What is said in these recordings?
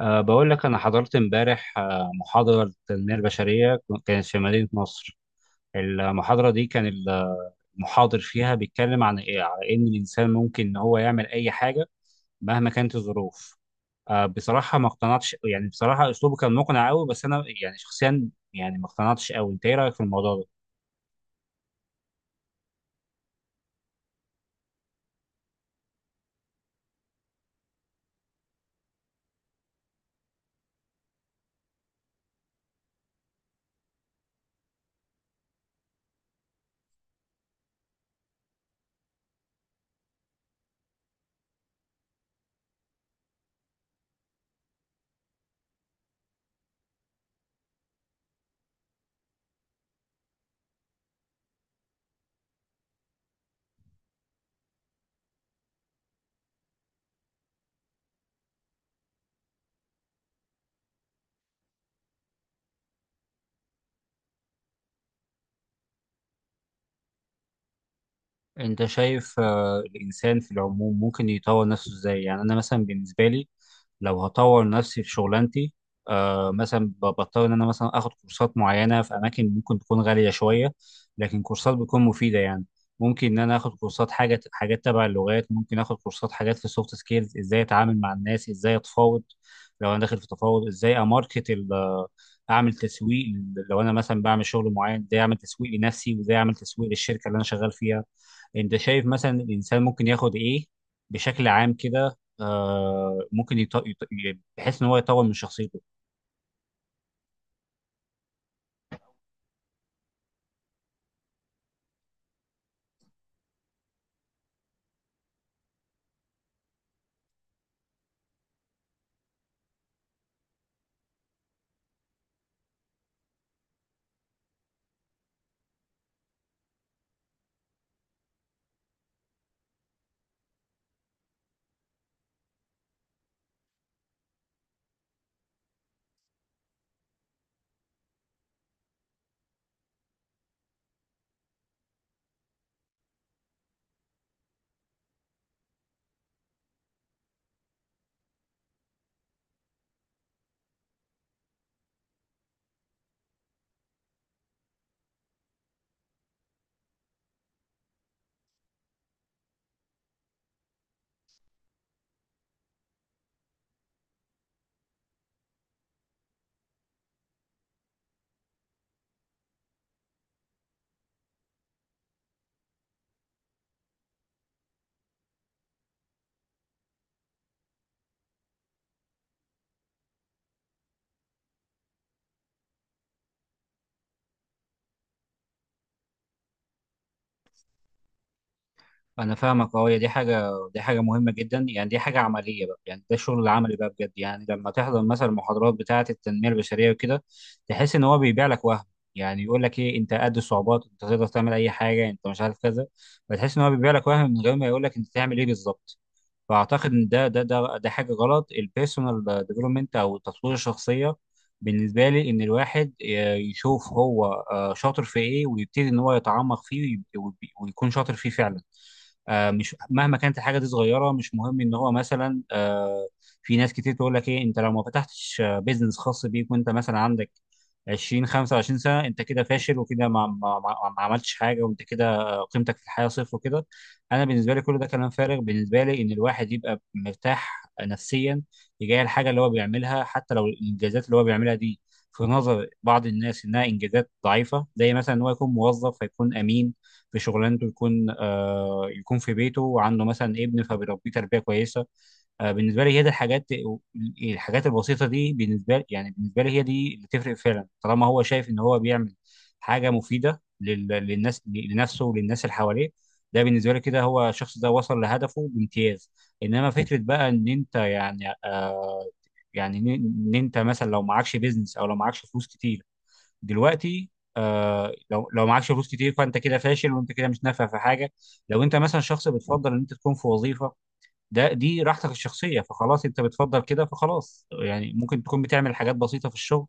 بقول لك أنا حضرت امبارح، محاضرة للتنمية البشرية، كانت في مدينة نصر. المحاضرة دي المحاضر فيها بيتكلم عن إيه؟ على إن الإنسان ممكن إن هو يعمل أي حاجة مهما كانت الظروف. بصراحة ما اقتنعتش، يعني بصراحة أسلوبه كان مقنع أوي، بس أنا يعني شخصيا يعني ما اقتنعتش أوي. أنت إيه رأيك في الموضوع ده؟ أنت شايف الإنسان في العموم ممكن يطور نفسه إزاي؟ يعني أنا مثلا بالنسبة لي، لو هطور نفسي في شغلانتي، مثلا بضطر ان انا مثلا اخد كورسات معينه في اماكن ممكن تكون غاليه شويه، لكن كورسات بتكون مفيده يعني. ممكن ان انا اخد كورسات حاجه، حاجات تبع اللغات، ممكن اخد كورسات حاجات في السوفت سكيلز، ازاي اتعامل مع الناس، ازاي اتفاوض. لو انا داخل في تفاوض، ازاي اعمل تسويق. لو انا مثلا بعمل شغل معين، ازاي اعمل تسويق لنفسي وازاي اعمل تسويق للشركه اللي انا شغال فيها. انت شايف مثلا الانسان ممكن ياخد ايه بشكل عام كده، بحيث ان هو يطور من شخصيته. انا فاهمك، اه هي دي حاجه، دي حاجه مهمه جدا يعني، دي حاجه عمليه بقى، يعني ده الشغل العملي بقى بجد. يعني لما تحضر مثلا المحاضرات بتاعه التنميه البشريه وكده، تحس ان هو بيبيع لك وهم. يعني يقول لك ايه، انت قد الصعوبات، انت تقدر تعمل اي حاجه، انت مش عارف كذا. فتحس ان هو بيبيع لك وهم من غير ما يقول لك انت تعمل ايه بالظبط. فاعتقد ان ده حاجه غلط. البيرسونال ديفلوبمنت او التطوير الشخصيه بالنسبه لي ان الواحد يشوف هو شاطر في ايه، ويبتدي ان هو يتعمق فيه ويكون شاطر فيه فعلا. مش مهما كانت الحاجه دي صغيره، مش مهم. ان هو مثلا في ناس كتير تقول لك ايه، انت لو ما فتحتش بيزنس خاص بيك وانت مثلا عندك 20 25 سنه، انت كده فاشل، وكده ما عملتش حاجه، وانت كده قيمتك في الحياه صفر وكده. انا بالنسبه لي كل ده كلام فارغ. بالنسبه لي ان الواحد يبقى مرتاح نفسيا تجاه الحاجه اللي هو بيعملها، حتى لو الانجازات اللي هو بيعملها دي في نظر بعض الناس انها انجازات ضعيفه، زي مثلا ان هو يكون موظف فيكون امين في شغلانته، يكون آه يكون في بيته وعنده مثلا ابن فبيربيه تربيه كويسه. بالنسبه لي هي دي الحاجات، الحاجات البسيطه دي بالنسبه لي، يعني بالنسبه لي هي دي اللي تفرق فعلا، طالما هو شايف ان هو بيعمل حاجه مفيده للناس، لنفسه وللناس اللي حواليه. ده بالنسبه لي كده هو الشخص ده وصل لهدفه بامتياز. انما فكره بقى ان انت يعني يعني ان إن انت مثلا لو معكش بيزنس او لو معكش فلوس كتير دلوقتي، لو لو معكش فلوس كتير فانت كده فاشل وانت كده مش نافع في حاجه. لو انت مثلا شخص بتفضل ان انت تكون في وظيفه، ده دي راحتك الشخصيه، فخلاص انت بتفضل كده، فخلاص يعني ممكن تكون بتعمل حاجات بسيطه في الشغل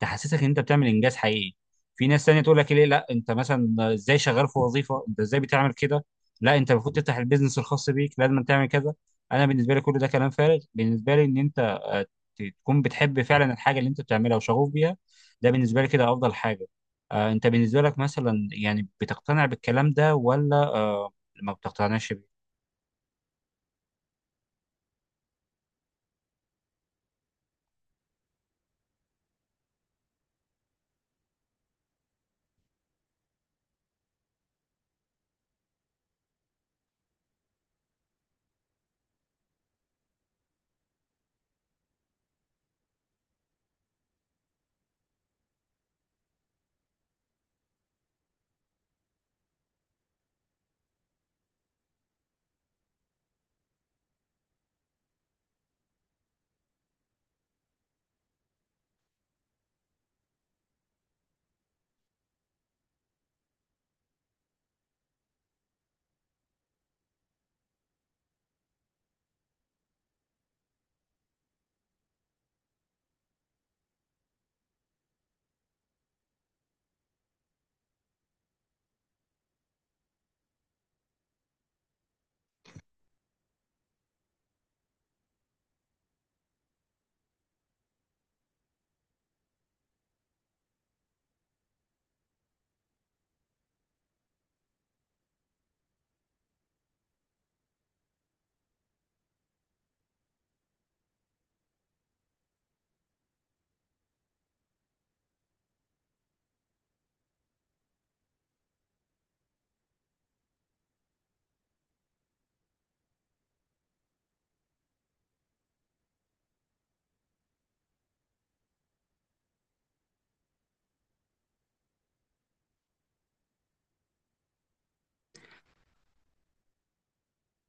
تحسسك ان انت بتعمل انجاز حقيقي. في ناس تانية تقول لك ليه، لا انت مثلا ازاي شغال في وظيفه، انت ازاي بتعمل كده، لا انت المفروض تفتح البيزنس الخاص بيك، لازم تعمل كذا. انا بالنسبه لي كل ده كلام فارغ. بالنسبه لي ان انت تكون بتحب فعلا الحاجه اللي انت بتعملها وشغوف بيها، ده بالنسبه لي كده افضل حاجه. انت بالنسبه لك مثلا يعني بتقتنع بالكلام ده ولا ما بتقتنعش بيه؟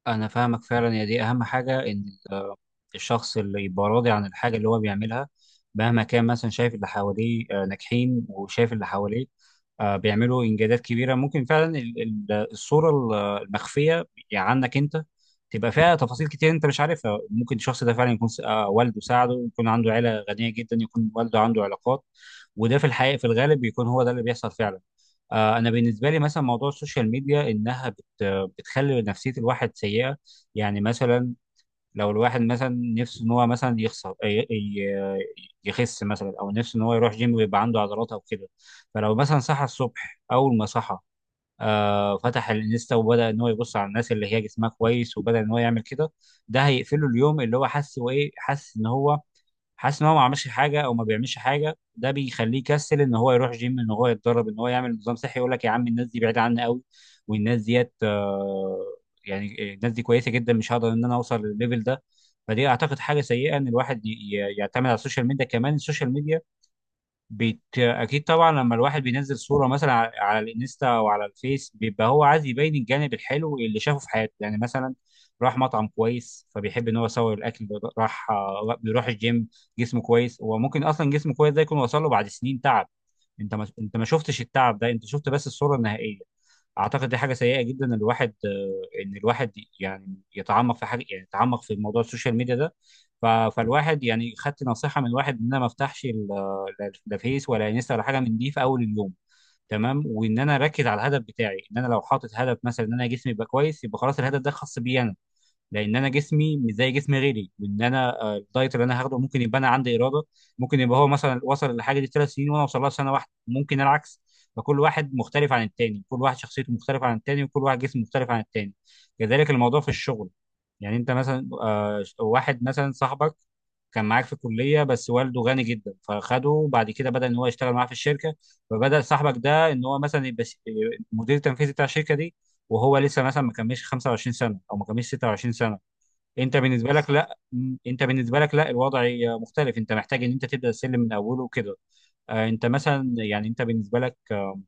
انا فاهمك فعلا، يا دي اهم حاجه، ان ال- الشخص اللي يبقى راضي عن الحاجه اللي هو بيعملها، مهما كان مثلا شايف اللي حواليه ناجحين وشايف اللي حواليه بيعملوا انجازات كبيره. ممكن فعلا الصوره المخفيه يعني عنك انت تبقى فيها تفاصيل كتير انت مش عارفها. ممكن الشخص ده فعلا يكون والده ساعده، يكون عنده عيله غنيه جدا، يكون والده عنده علاقات، وده في الحقيقه في الغالب بيكون هو ده اللي بيحصل فعلا. انا بالنسبه لي مثلا موضوع السوشيال ميديا، انها بتخلي نفسيه الواحد سيئه. يعني مثلا لو الواحد مثلا نفسه ان هو مثلا يخس مثلا، او نفسه ان هو يروح جيم ويبقى عنده عضلات او كده، فلو مثلا صحى الصبح، اول ما صحى فتح الانستا وبدا ان هو يبص على الناس اللي هي جسمها كويس وبدا ان هو يعمل كده، ده هيقفله اليوم. اللي هو حس وايه، حس ان هو حاسس ان هو ما عملش حاجه او ما بيعملش حاجه، ده بيخليه يكسل ان هو يروح جيم، ان هو يتدرب، ان هو يعمل نظام صحي. يقول لك يا عم الناس دي بعيده عني قوي، والناس ديت يعني الناس دي كويسه جدا، مش هقدر ان انا اوصل للليفل ده. فدي اعتقد حاجه سيئه، ان الواحد يعتمد على السوشيال ميديا. كمان السوشيال ميديا اكيد طبعا لما الواحد بينزل صوره مثلا على الانستا او على الفيس، بيبقى هو عايز يبين الجانب الحلو اللي شافه في حياته. يعني مثلا راح مطعم كويس، فبيحب ان هو يصور الاكل ده. راح، بيروح الجيم، جسمه كويس. وممكن اصلا جسمه كويس ده يكون وصل له بعد سنين تعب، انت ما شفتش التعب ده، انت شفت بس الصوره النهائيه. اعتقد دي حاجه سيئه جدا، ان الواحد ان الواحد يعني يتعمق في حاجه، يعني يتعمق في موضوع السوشيال ميديا ده. فالواحد يعني خدت نصيحه من واحد ان انا ما افتحش لا فيس ولا انستا ولا حاجه من دي في اول اليوم، تمام، وان انا اركز على الهدف بتاعي. ان انا لو حاطط هدف مثلا ان انا جسمي يبقى كويس، يبقى خلاص الهدف ده خاص بيا انا، لان انا جسمي مش زي جسم غيري. وان انا الدايت اللي انا هاخده ممكن يبقى انا عندي اراده، ممكن يبقى هو مثلا وصل للحاجه دي 3 سنين وانا اوصل لها في سنه واحده، ممكن العكس. فكل واحد مختلف عن التاني، كل واحد شخصيته مختلفه عن التاني، وكل واحد جسمه مختلف عن التاني. كذلك الموضوع في الشغل. يعني انت مثلا واحد مثلا صاحبك كان معاك في الكليه، بس والده غني جدا فخده بعد كده بدا ان هو يشتغل معاه في الشركه، فبدا صاحبك ده ان هو مثلا يبقى المدير التنفيذي بتاع الشركه دي، وهو لسه مثلا ما كملش 25 سنه او ما كملش 26 سنه. انت بالنسبه لك بس لا، انت بالنسبه لك لا، الوضع مختلف، انت محتاج ان انت تبدا السلم من اوله وكده. انت مثلا يعني انت بالنسبه لك،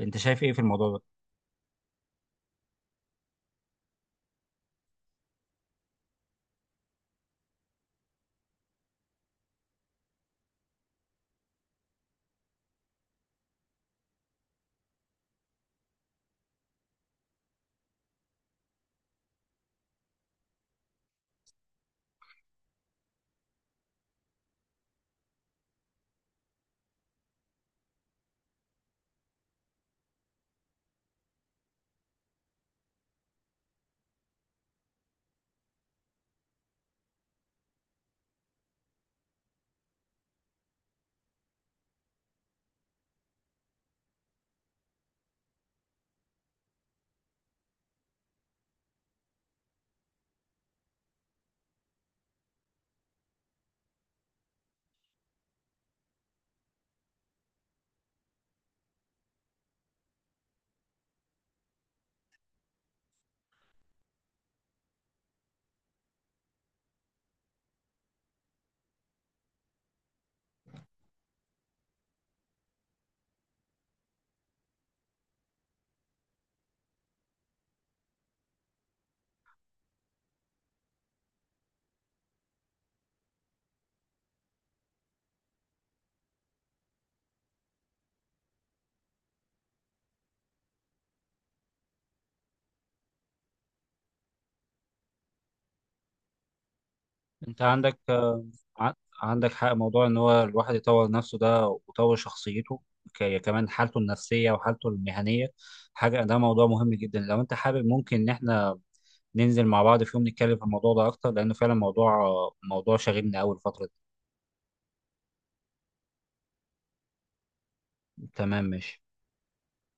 انت شايف ايه في الموضوع ده؟ انت عندك ع- عندك حق. موضوع ان هو الواحد يطور نفسه ده ويطور شخصيته، كمان حالته النفسية وحالته المهنية، حاجة. ده موضوع مهم جدا، لو انت حابب ممكن ان احنا ننزل مع بعض في يوم نتكلم في الموضوع ده اكتر، لانه فعلا موضوع موضوع شاغلني اول فترة. تمام ماشي.